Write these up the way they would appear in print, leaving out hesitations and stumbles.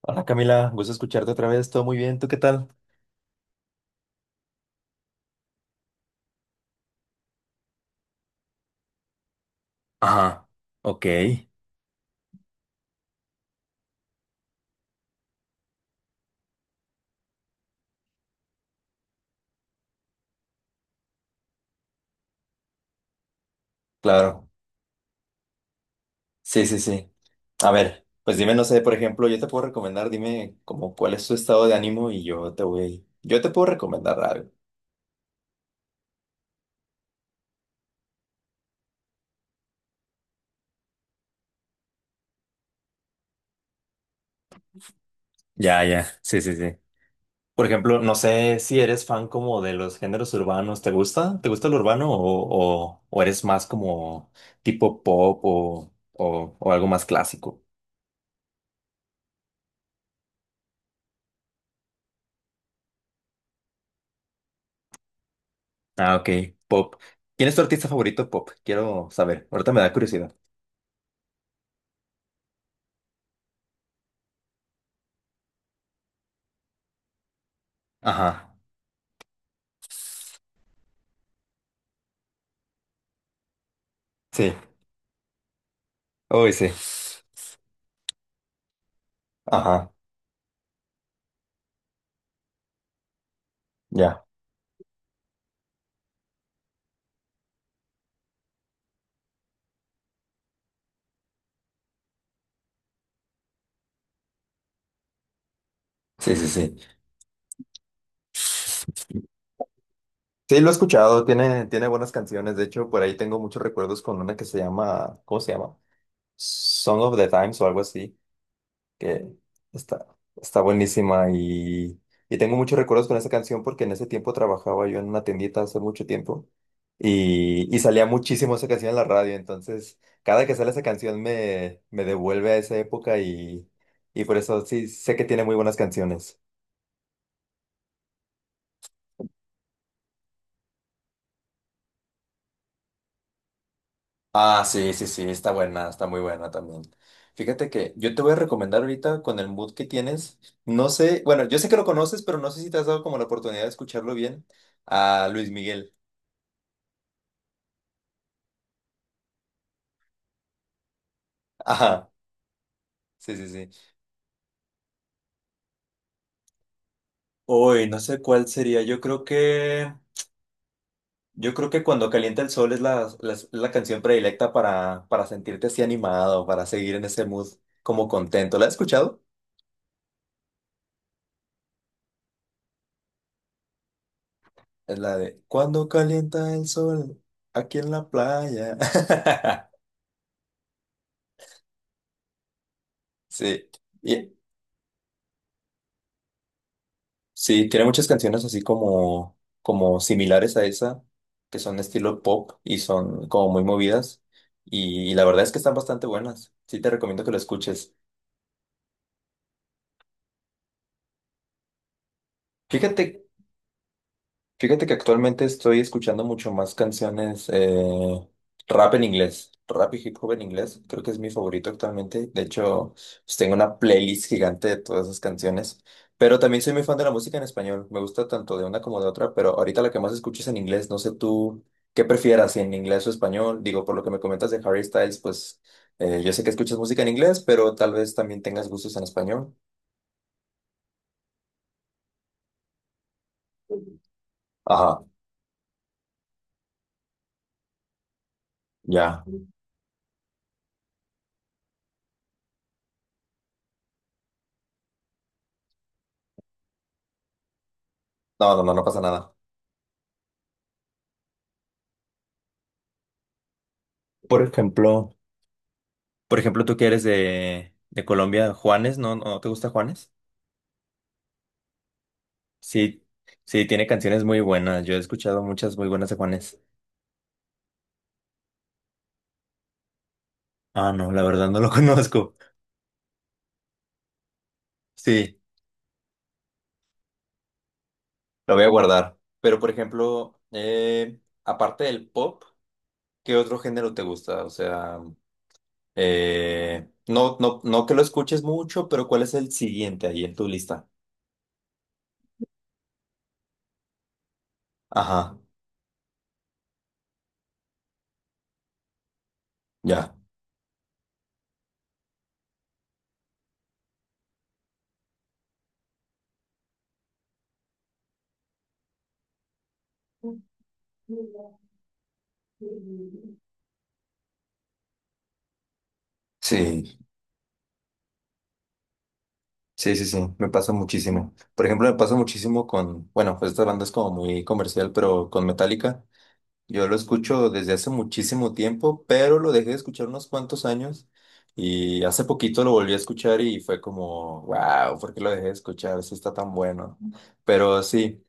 Hola Camila, gusto escucharte otra vez, todo muy bien, ¿tú qué tal? Ajá, ok. Claro, sí, sí, sí. A ver, pues dime, no sé, por ejemplo, yo te puedo recomendar, dime como cuál es tu estado de ánimo y yo te puedo recomendar algo. Ya, ya. Sí, sí, sí. Por ejemplo, no sé si eres fan como de los géneros urbanos, ¿te gusta? ¿Te gusta el urbano o eres más como tipo pop o algo más clásico? Ah, ok. Pop. Pop. ¿Quién es tu artista favorito pop? Quiero saber, ahorita me da curiosidad. Ajá, sí, uy, sí, ajá, ya, sí, sí, sí. Sí, lo he escuchado, tiene buenas canciones, de hecho, por ahí tengo muchos recuerdos con una que se llama, ¿cómo se llama? Song of the Times o algo así, que está, está buenísima y tengo muchos recuerdos con esa canción porque en ese tiempo trabajaba yo en una tiendita hace mucho tiempo y salía muchísimo esa canción en la radio, entonces cada que sale esa canción me devuelve a esa época y por eso sí sé que tiene muy buenas canciones. Ah, sí, sí, sí, está buena, está muy buena también. Fíjate que yo te voy a recomendar ahorita con el mood que tienes, no sé, bueno, yo sé que lo conoces, pero no sé si te has dado como la oportunidad de escucharlo bien, a Luis Miguel. Ajá, sí, sí, sí. Uy, no sé cuál sería, yo creo que Cuando calienta el sol es es la canción predilecta para sentirte así animado, para seguir en ese mood como contento. ¿La has escuchado? Es la de Cuando calienta el sol, aquí en la playa. Sí, y, sí, tiene muchas canciones así como, como similares a esa, que son estilo pop y son como muy movidas. Y la verdad es que están bastante buenas. Sí, te recomiendo que lo escuches. Fíjate Fíjate que actualmente estoy escuchando mucho más canciones rap en inglés, rap y hip hop en inglés, creo que es mi favorito actualmente, de hecho pues, tengo una playlist gigante de todas esas canciones, pero también soy muy fan de la música en español, me gusta tanto de una como de otra, pero ahorita la que más escucho es en inglés, no sé tú qué prefieras, si en inglés o español, digo, por lo que me comentas de Harry Styles, pues yo sé que escuchas música en inglés, pero tal vez también tengas gustos en español. Ajá, ya. No, no, no, no pasa nada. Por ejemplo. Por ejemplo, tú que eres de Colombia, Juanes, ¿no? ¿No te gusta Juanes? Sí, sí, tiene canciones muy buenas. Yo he escuchado muchas muy buenas de Juanes. Ah, no, la verdad no lo conozco. Sí, lo voy a guardar. Pero, por ejemplo, aparte del pop, ¿qué otro género te gusta? O sea, no que lo escuches mucho, pero ¿cuál es el siguiente ahí en tu lista? Ajá, ya. Sí. Sí, sí, sí, me pasa muchísimo. Por ejemplo, me pasa muchísimo con, bueno, pues esta banda es como muy comercial, pero con Metallica. Yo lo escucho desde hace muchísimo tiempo, pero lo dejé de escuchar unos cuantos años y hace poquito lo volví a escuchar y fue como, wow, ¿por qué lo dejé de escuchar? Eso está tan bueno. Pero sí,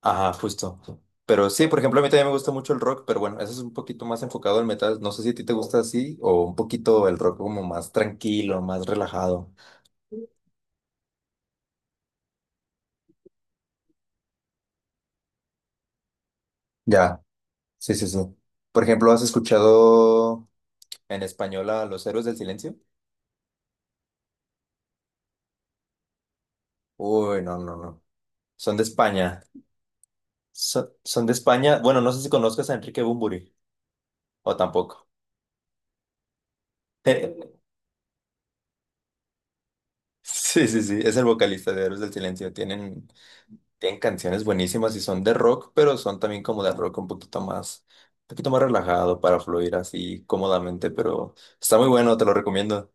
ajá, justo. Pero sí, por ejemplo, a mí también me gusta mucho el rock, pero bueno, eso es un poquito más enfocado al metal. No sé si a ti te gusta así o un poquito el rock como más tranquilo, más relajado. Ya. Sí, sí, sí. Por ejemplo, ¿has escuchado en español a Los Héroes del Silencio? Uy, no, no, no. Son de España. Son de España. Bueno, no sé si conozcas a Enrique Bunbury o tampoco. Eh, sí, sí, sí. Es el vocalista de Héroes del Silencio. Tienen canciones buenísimas y son de rock, pero son también como de rock un poquito más relajado para fluir así cómodamente, pero está muy bueno, te lo recomiendo.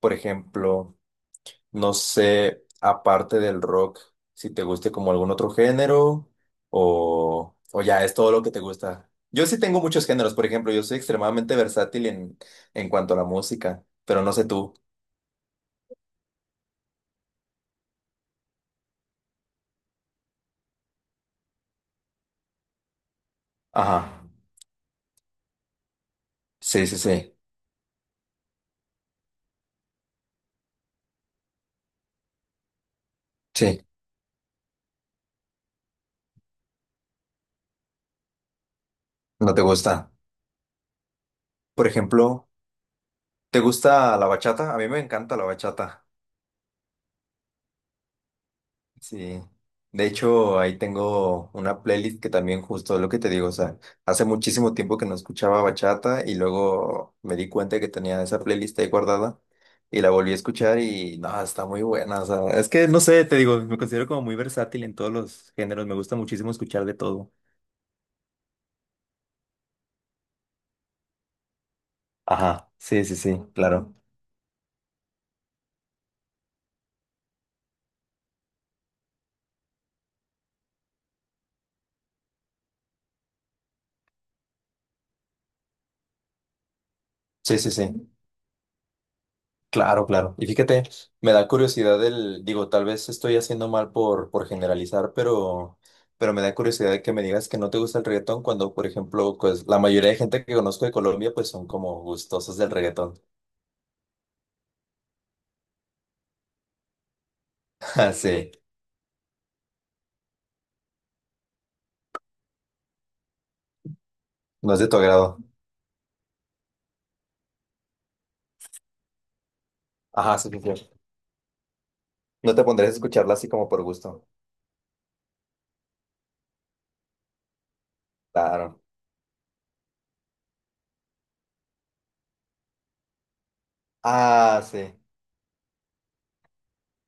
Por ejemplo. No sé, aparte del rock, si te guste como algún otro género o ya es todo lo que te gusta. Yo sí tengo muchos géneros, por ejemplo, yo soy extremadamente versátil en cuanto a la música, pero no sé tú. Ajá. Sí, sí, sí. Sí, no te gusta. Por ejemplo, ¿te gusta la bachata? A mí me encanta la bachata. Sí, de hecho ahí tengo una playlist que también justo es lo que te digo, o sea, hace muchísimo tiempo que no escuchaba bachata y luego me di cuenta que tenía esa playlist ahí guardada y la volví a escuchar y no, está muy buena, o sea, es que no sé, te digo, me considero como muy versátil en todos los géneros, me gusta muchísimo escuchar de todo. Ajá, sí, sí, sí, claro. Sí, sí, sí. Claro, claro. Y fíjate, me da curiosidad el, digo, tal vez estoy haciendo mal por generalizar, pero me da curiosidad de que me digas que no te gusta el reggaetón cuando, por ejemplo, pues la mayoría de gente que conozco de Colombia, pues son como gustosos del reggaetón. Ah, sí, no es de tu agrado. Ajá, sí, sí, sí. No te pondrías a escucharla así como por gusto. Claro. Ah, sí.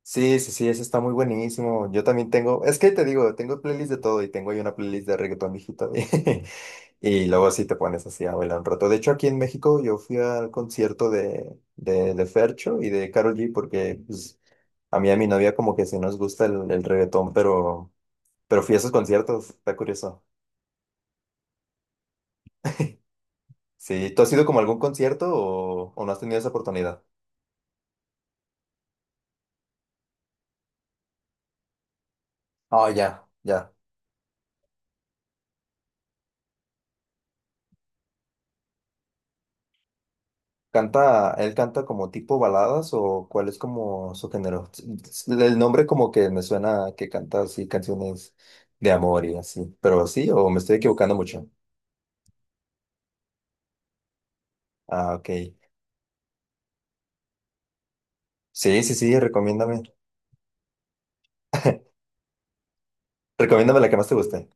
Sí, sí, sí, eso está muy buenísimo. Yo también tengo, es que te digo, tengo playlist de todo y tengo ahí una playlist de reggaetón, viejito. Y luego sí te pones así a bailar un rato. De hecho, aquí en México yo fui al concierto de Fercho y de Karol G porque pues, a mí y a mi novia como que sí nos gusta el reggaetón, pero fui a esos conciertos, está curioso. Sí, ¿tú has ido como a algún concierto o no has tenido esa oportunidad? Ah, ya, ya. ¿Canta, él canta como tipo baladas o cuál es como su género? El nombre como que me suena a que canta así canciones de amor y así, pero sí, o me estoy equivocando mucho. Ah, ok. Sí, sí, sí, recomiéndame. Recomiéndame la que más te guste.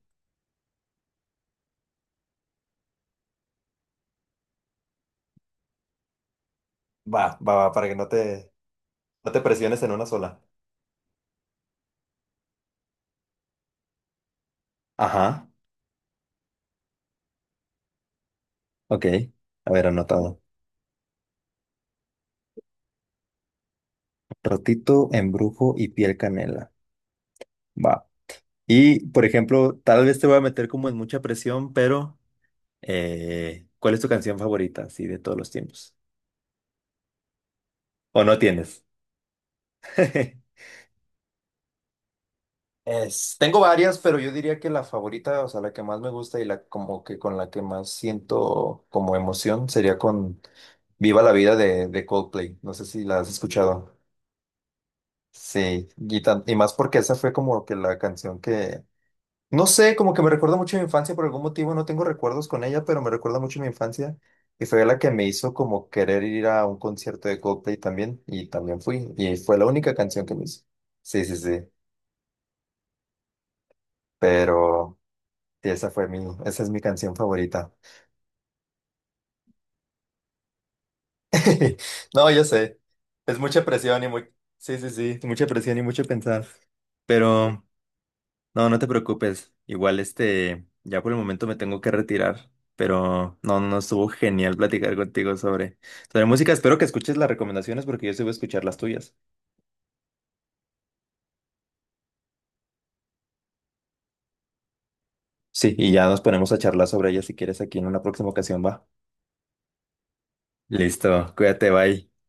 Va, para que no te, no te presiones en una sola. Ajá, ok. A ver, anotado. Rotito, embrujo y piel canela. Va. Y, por ejemplo, tal vez te voy a meter como en mucha presión, pero ¿cuál es tu canción favorita, así, de todos los tiempos? ¿O no tienes? Tengo varias, pero yo diría que la favorita, o sea, la que más me gusta y la como que con la que más siento como emoción sería con Viva la Vida de Coldplay. No sé si la has escuchado. Sí, y, y más porque esa fue como que la canción que, no sé, como que me recuerda mucho a mi infancia por algún motivo, no tengo recuerdos con ella, pero me recuerda mucho a mi infancia y fue la que me hizo como querer ir a un concierto de Coldplay también y también fui y fue la única canción que me hizo. Sí, sí, sí, pero... Sí, esa es mi canción favorita. No, yo sé. Es mucha presión y muy, sí, sí, sí, mucha presión y mucho pensar. Pero no, no te preocupes. Igual este, ya por el momento me tengo que retirar. Pero no, no estuvo genial platicar contigo sobre, sobre música. Espero que escuches las recomendaciones porque yo sí voy a escuchar las tuyas. Sí, y ya nos ponemos a charlar sobre ellas si quieres aquí en una próxima ocasión, va. Listo, cuídate, bye.